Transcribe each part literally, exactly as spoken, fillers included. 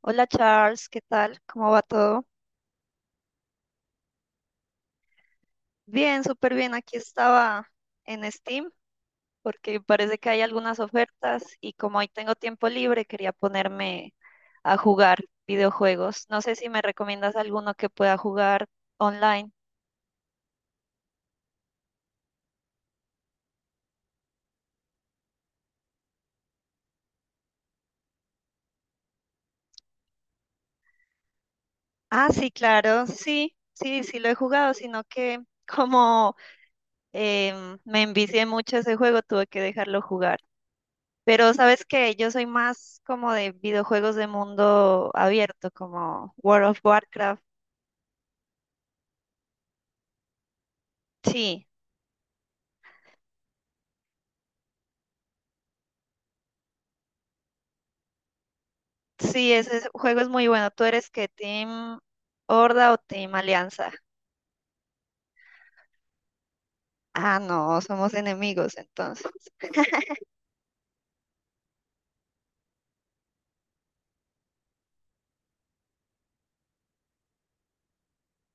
Hola, Charles, ¿qué tal? ¿Cómo va todo? Bien, súper bien. Aquí estaba en Steam porque parece que hay algunas ofertas y como hoy tengo tiempo libre, quería ponerme a jugar videojuegos. No sé si me recomiendas alguno que pueda jugar online. Ah, sí, claro, sí, sí, sí lo he jugado, sino que como em, me envicié mucho ese juego, tuve que dejarlo jugar. Pero sabes que yo soy más como de videojuegos de mundo abierto, como World of Warcraft. Sí, sí, ese juego es muy bueno. ¿Tú eres que Team Horda o Team Alianza? Ah, no, somos enemigos entonces.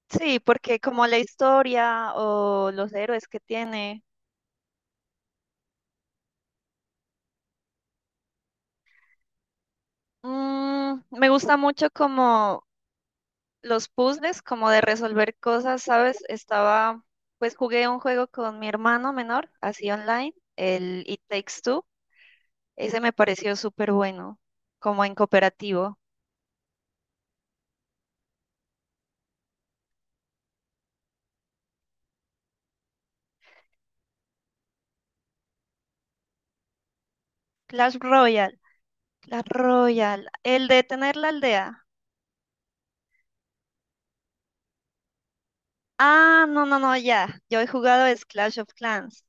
Sí, porque como la historia o los héroes que tiene, mm, me gusta mucho como los puzzles, como de resolver cosas, ¿sabes? Estaba, pues jugué un juego con mi hermano menor, así online, el It Takes Two. Ese me pareció súper bueno, como en cooperativo. Clash Royale, Clash Royale, el de tener la aldea. Ah, no, no, no, ya. Yo he jugado es Clash of Clans.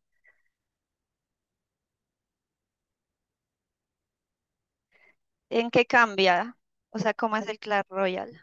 ¿En qué cambia? O sea, ¿cómo es el Clash Royale?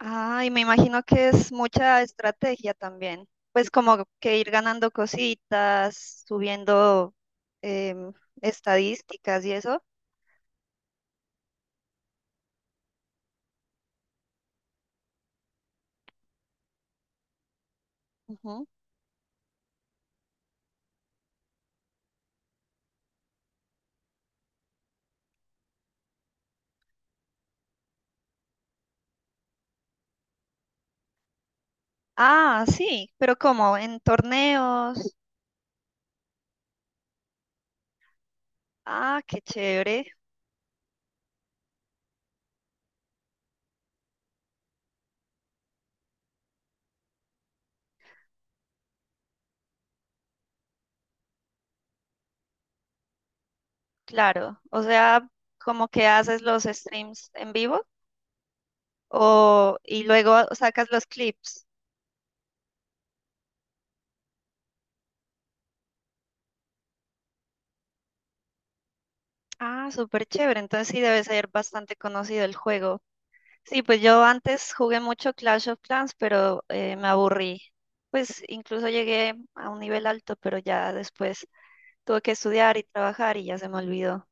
Ah, y me imagino que es mucha estrategia también. Pues como que ir ganando cositas, subiendo em, estadísticas y eso. Ujú. Ah, sí, pero como en torneos. Ah, qué chévere. Claro, o sea, como que haces los streams en vivo o, y luego sacas los clips. Ah, súper chévere, entonces sí debe ser bastante conocido el juego. Sí, pues yo antes jugué mucho Clash of Clans, pero eh, me aburrí. Pues incluso llegué a un nivel alto, pero ya después tuve que estudiar y trabajar y ya se me olvidó.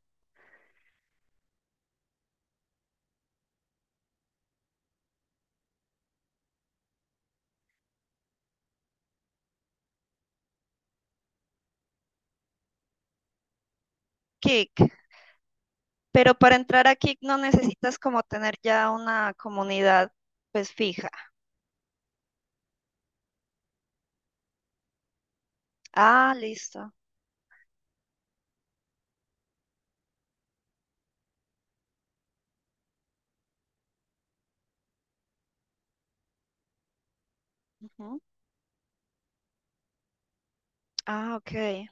Kick, pero para entrar a Kick no necesitas como tener ya una comunidad pues fija. Ah, listo. Ujú. Ah, ok.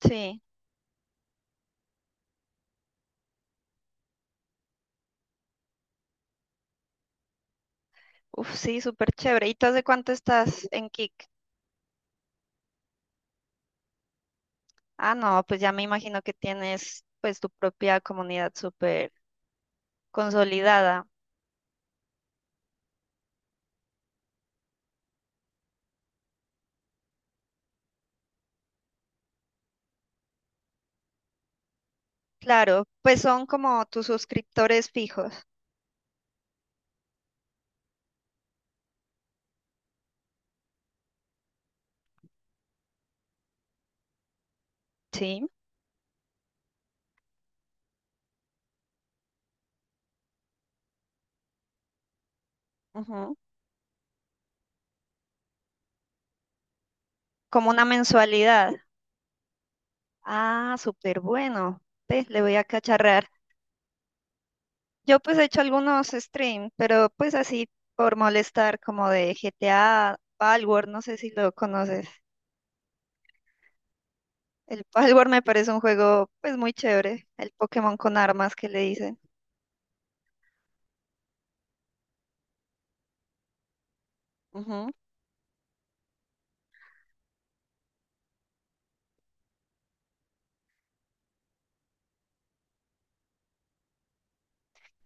Sí, uf, sí, súper chévere. ¿Y tú hace cuánto estás en Kik? Ah, no, pues ya me imagino que tienes pues tu propia comunidad súper consolidada. Claro, pues son como tus suscriptores fijos, ¿sí? Ujú. Como una mensualidad. Ah, súper bueno. Ve, le voy a cacharrar. Yo pues he hecho algunos streams, pero pues así por molestar como de G T A, Palworld, no sé si lo conoces. El Palworld me parece un juego pues muy chévere, el Pokémon con armas que le dicen. Ujú.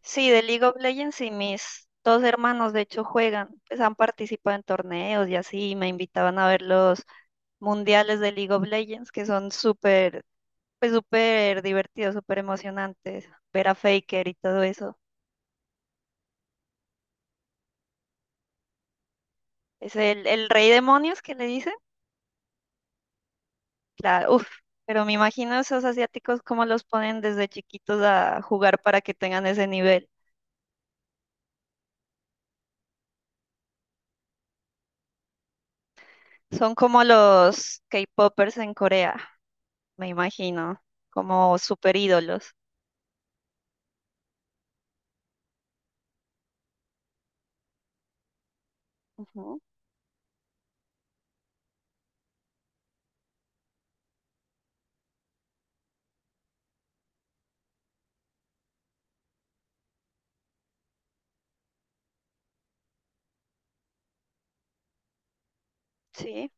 Sí, de League of Legends y mis dos hermanos de hecho juegan, pues han participado en torneos y así, y me invitaban a ver los mundiales de League of Legends que son súper, pues súper divertidos, súper emocionantes, ver a Faker y todo eso. Es el, el rey demonios que le dicen, claro, uff, pero me imagino esos asiáticos cómo los ponen desde chiquitos a jugar para que tengan ese nivel. Son como los K-popers en Corea, me imagino, como super ídolos. Ujú. Sí,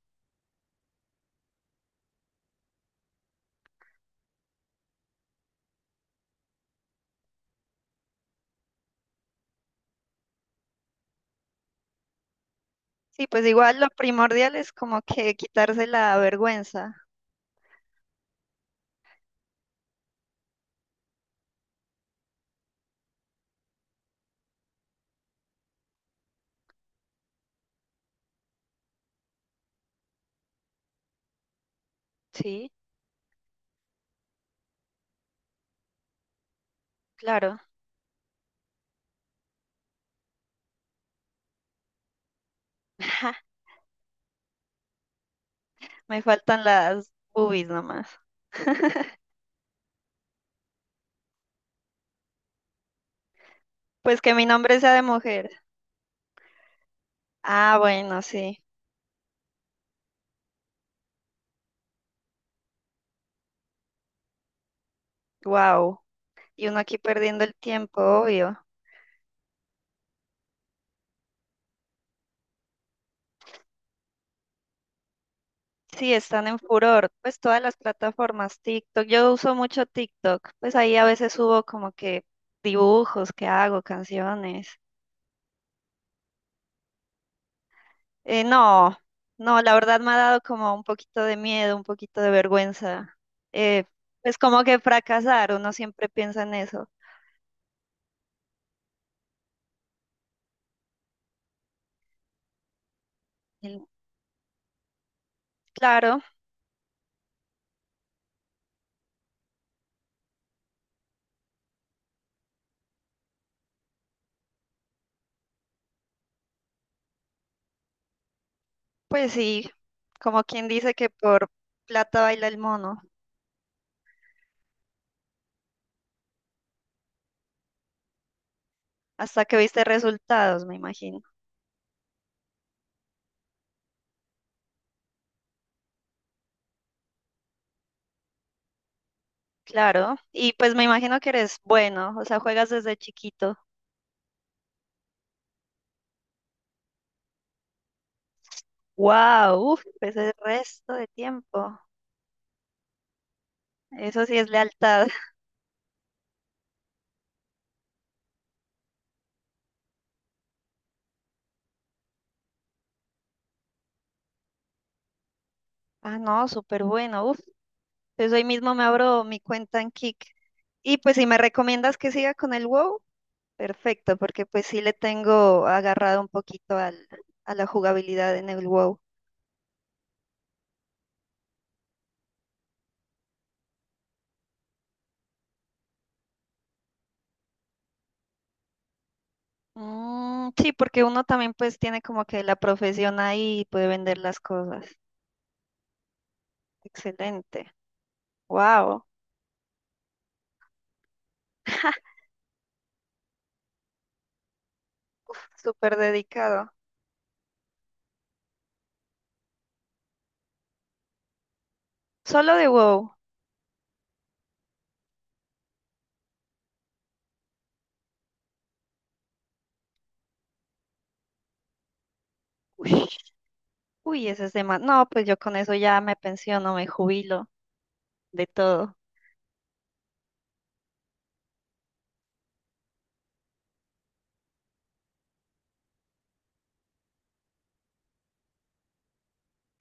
sí, pues igual lo primordial es como que quitarse la vergüenza. Sí, claro. Me faltan las boobies nomás. Pues que mi nombre sea de mujer. Ah, bueno, sí. Wow. Y uno aquí perdiendo el tiempo, obvio. Sí, están en furor, pues todas las plataformas, TikTok, yo uso mucho TikTok, pues ahí a veces subo como que dibujos que hago, canciones. Eh, no, no, la verdad me ha dado como un poquito de miedo, un poquito de vergüenza. Eh, pues como que fracasar, uno siempre piensa en eso. El... claro, pues sí, como quien dice que por plata baila el mono, hasta que viste resultados, me imagino. Claro, y pues me imagino que eres bueno, o sea, juegas desde chiquito. Wow, uf, pues el resto de tiempo. Eso sí es lealtad. Ah, no, súper bueno. Uf, pues hoy mismo me abro mi cuenta en Kick. Y pues si me recomiendas que siga con el WoW, perfecto, porque pues sí le tengo agarrado un poquito al, a la jugabilidad en el WoW. Mm, sí, porque uno también pues tiene como que la profesión ahí y puede vender las cosas. Excelente. Wow, súper dedicado. Solo de WoW. Ush. Uy, ese es demás. No, pues yo con eso ya me pensiono, me jubilo de todo.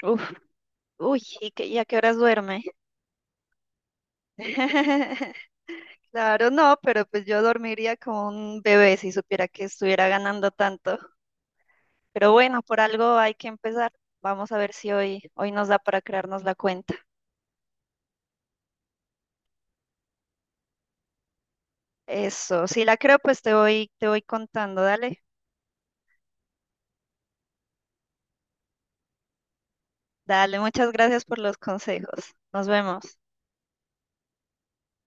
Uf, uy, ¿y qué, y a qué horas duerme? Claro, no, pero pues yo dormiría como un bebé si supiera que estuviera ganando tanto. Pero bueno, por algo hay que empezar. Vamos a ver si hoy, hoy nos da para crearnos la cuenta. Eso, si la creo, pues te voy, te voy contando. Dale, dale, muchas gracias por los consejos. Nos vemos.